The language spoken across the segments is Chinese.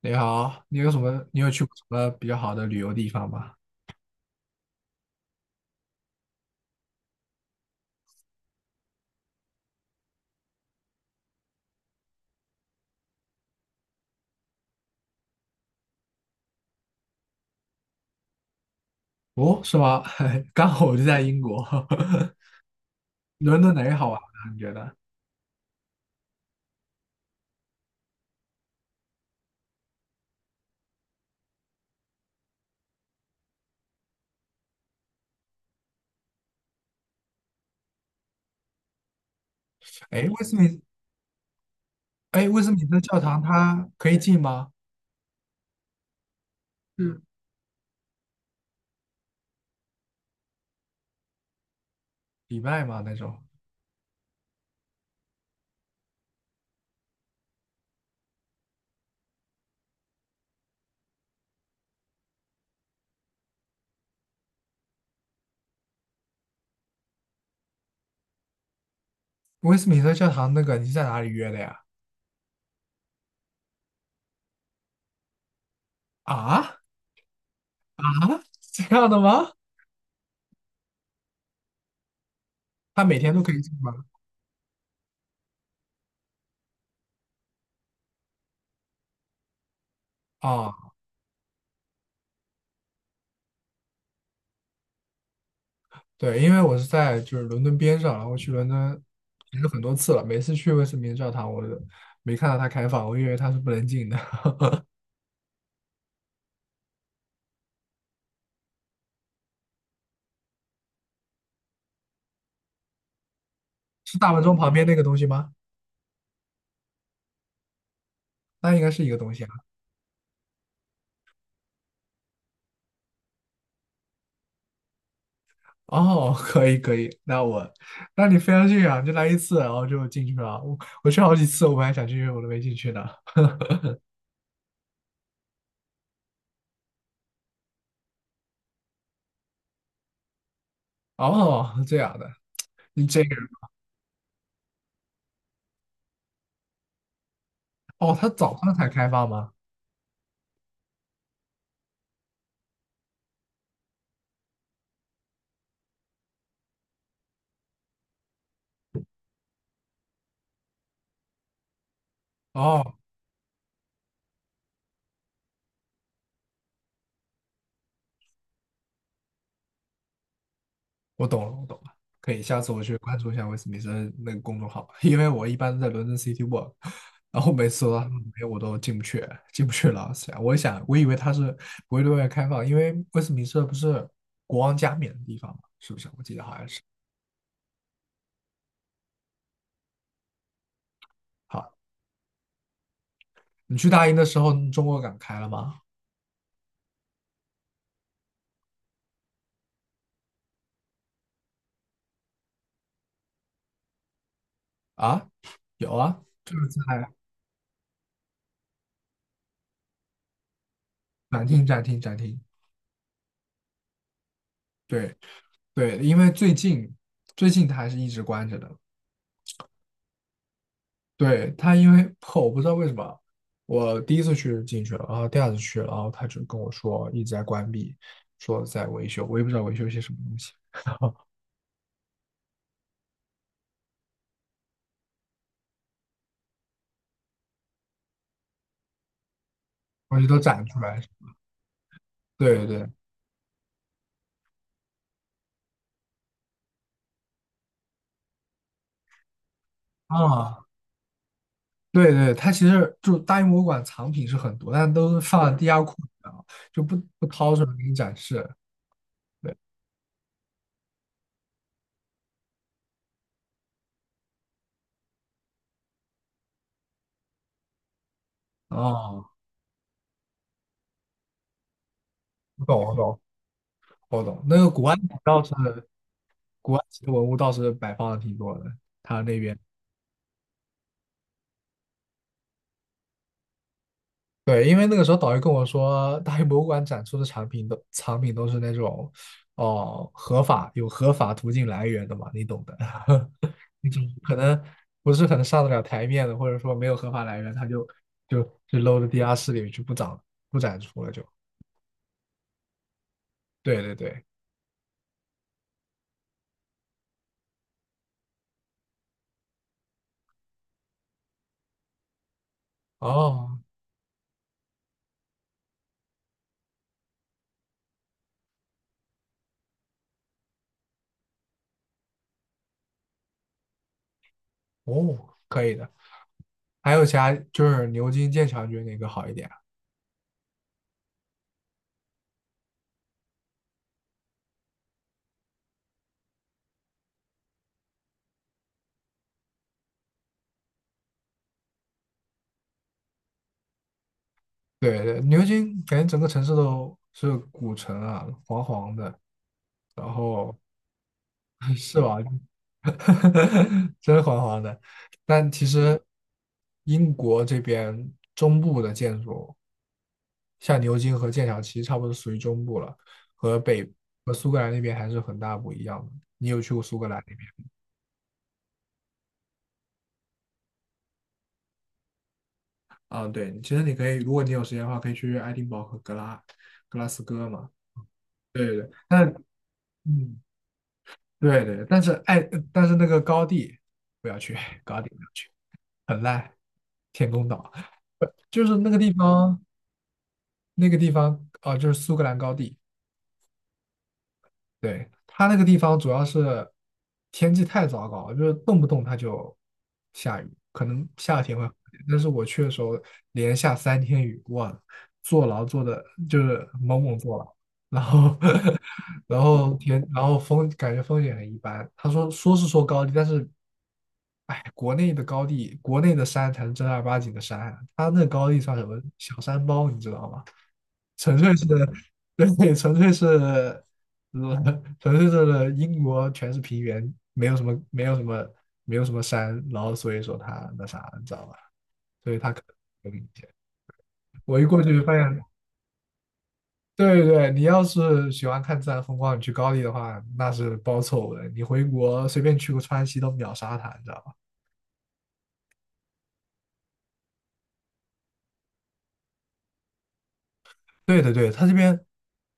你好，你有什么？你有去过什么比较好的旅游地方吗？哦，是吗？刚好我就在英国，伦敦哪里好玩呢？你觉得？哎，威斯敏，哎，威斯敏特教堂它可以进吗？是礼拜吗？那种？威斯敏特教堂那个你是在哪里约的呀？啊啊，这样的吗？它每天都可以进吗？啊，对，因为我是在伦敦边上，然后去伦敦其实很多次了，每次去威斯敏特教堂我都没看到它开放，我以为它是不能进的。是大门钟旁边那个东西吗？那应该是一个东西啊。哦，可以可以，那我，那你非要去啊？就来一次，然后就进去了。我去好几次，我本来想进去，我都没进去呢。哦，这样的，你这个人哦，他早上才开放吗？哦，我懂了，我懂了，可以，下次我去关注一下威斯敏森那个公众号，因为我一般在伦敦 City Walk,然后每次到他们里面我都进不去，进不去了。我想，我以为他是不会对外开放，因为威斯敏斯不是国王加冕的地方嘛，是不是？我记得好像是。好，你去大英的时候，中国馆开了吗？啊，有啊，就是在展厅、展厅、展厅。对对，因为最近它还是一直关着的，对，他因为 我不知道为什么，我第一次去进去了，然后第二次去了，然后他就跟我说一直在关闭，说在维修，我也不知道维修些什么东西，然后东西都展出来。对对啊，对对，它其实就大英博物馆藏品是很多，但都是放在地下库里的啊就不掏出来给你展示。对，啊，我懂我懂我懂，那个古埃及倒是古埃及的文物倒是摆放的挺多的，他那边。对，因为那个时候导游跟我说，大英博物馆展出的产品都藏品都是那种，哦，合法有合法途径来源的嘛，你懂的，那种可能不是很上得了台面的，或者说没有合法来源，他就就搂 o 地下室里面去不展不展出了就，对对对，哦哦，可以的。还有其他就是牛津、剑桥，你觉得哪个好一点啊对对，牛津感觉整个城市都是古城啊，黄黄的，然后 是吧？真黄黄的。但其实英国这边中部的建筑，像牛津和剑桥，其实差不多属于中部了，和北和苏格兰那边还是很大不一样的。你有去过苏格兰那边？啊，对，其实你可以，如果你有时间的话，可以去爱丁堡和格拉斯哥嘛。对对对，但嗯，对对，但是那个高地不要去，高地不要去，很烂，天空岛，就是那个地方。那个地方啊，就是苏格兰高地，对，它那个地方主要是天气太糟糕了就是动不动它就下雨，可能夏天会好一点，但是我去的时候连下三天雨，哇，坐牢坐的就是猛猛坐牢，然后 然后天，然后风感觉风景很一般。说是说高地，但是哎，国内的高地，国内的山才是正儿八经的山啊，他那高地算什么小山包，你知道吗？纯粹是，对，纯粹是，纯粹是英国全是平原，没有什么，没有什么，没有什么山，然后所以说它那啥，你知道吧？所以它可能有影响。我一过去就发现，对对，对，你要是喜欢看自然风光，你去高丽的话，那是包凑的。你回国随便去个川西都秒杀它，你知道吧？对的，对，它这边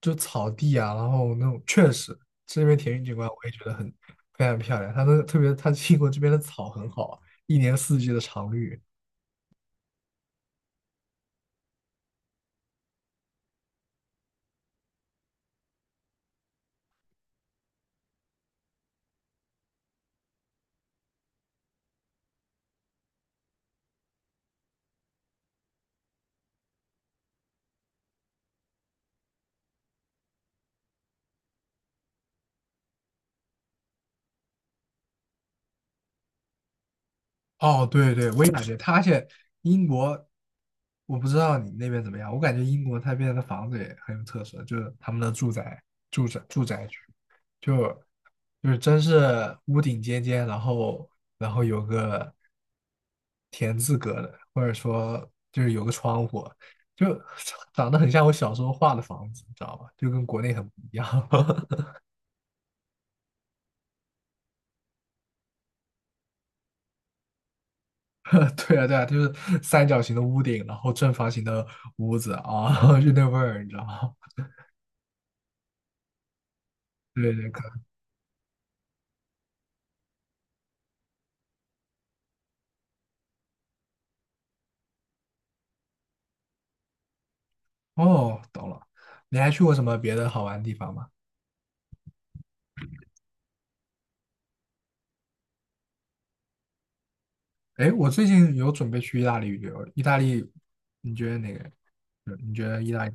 就草地啊，然后那种确实这边田园景观我也觉得很非常漂亮。它那特别，它英国这边的草很好啊一年四季的常绿。哦，对对，我也感觉他，而且英国，我不知道你们那边怎么样，我感觉英国那边的房子也很有特色，就是他们的住宅区，就就是真是屋顶尖尖，然后然后有个田字格的，或者说就是有个窗户，就 长得很像我小时候画的房子，你知道吧？就跟国内很不一样。对啊，对啊，就是三角形的屋顶，然后正方形的屋子啊，就那味儿，你知道吗？对对，可哦，懂了。你还去过什么别的好玩的地方吗？哎，我最近有准备去意大利旅游，意大利，你觉得哪个？你觉得意大利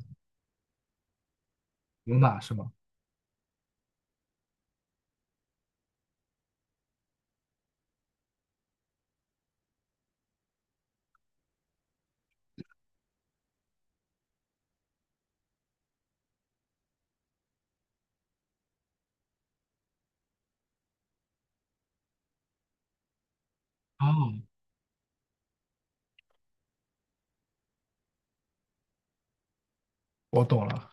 罗马是吗？哦，我懂了，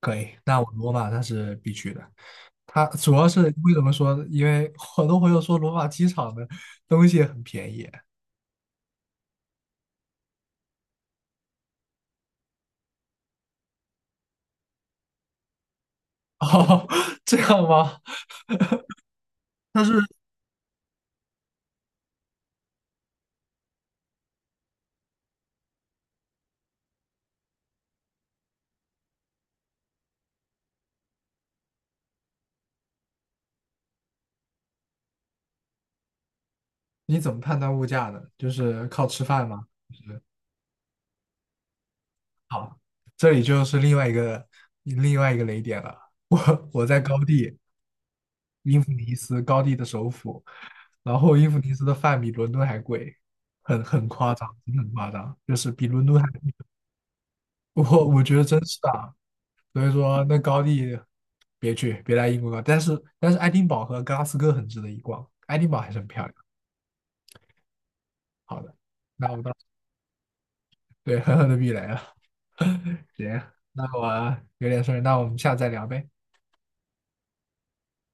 可以。那我罗马那是必去的。它主要是为什么说因为很多朋友说罗马机场的东西很便宜。哦，这样吗？你怎么判断物价呢？就是靠吃饭吗？就是好，这里就是另外一个雷点了。我在高地，英弗尼斯高地的首府，然后英弗尼斯的饭比伦敦还贵，很夸张，真的很夸张，就是比伦敦还我觉得真是啊。所以说那高地别去，别来英国搞。但是爱丁堡和格拉斯哥很值得一逛，爱丁堡还是很漂亮。好的，那我到对狠狠的避雷了。行，那我有点事儿那我们下次再聊呗。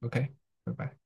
OK,拜拜。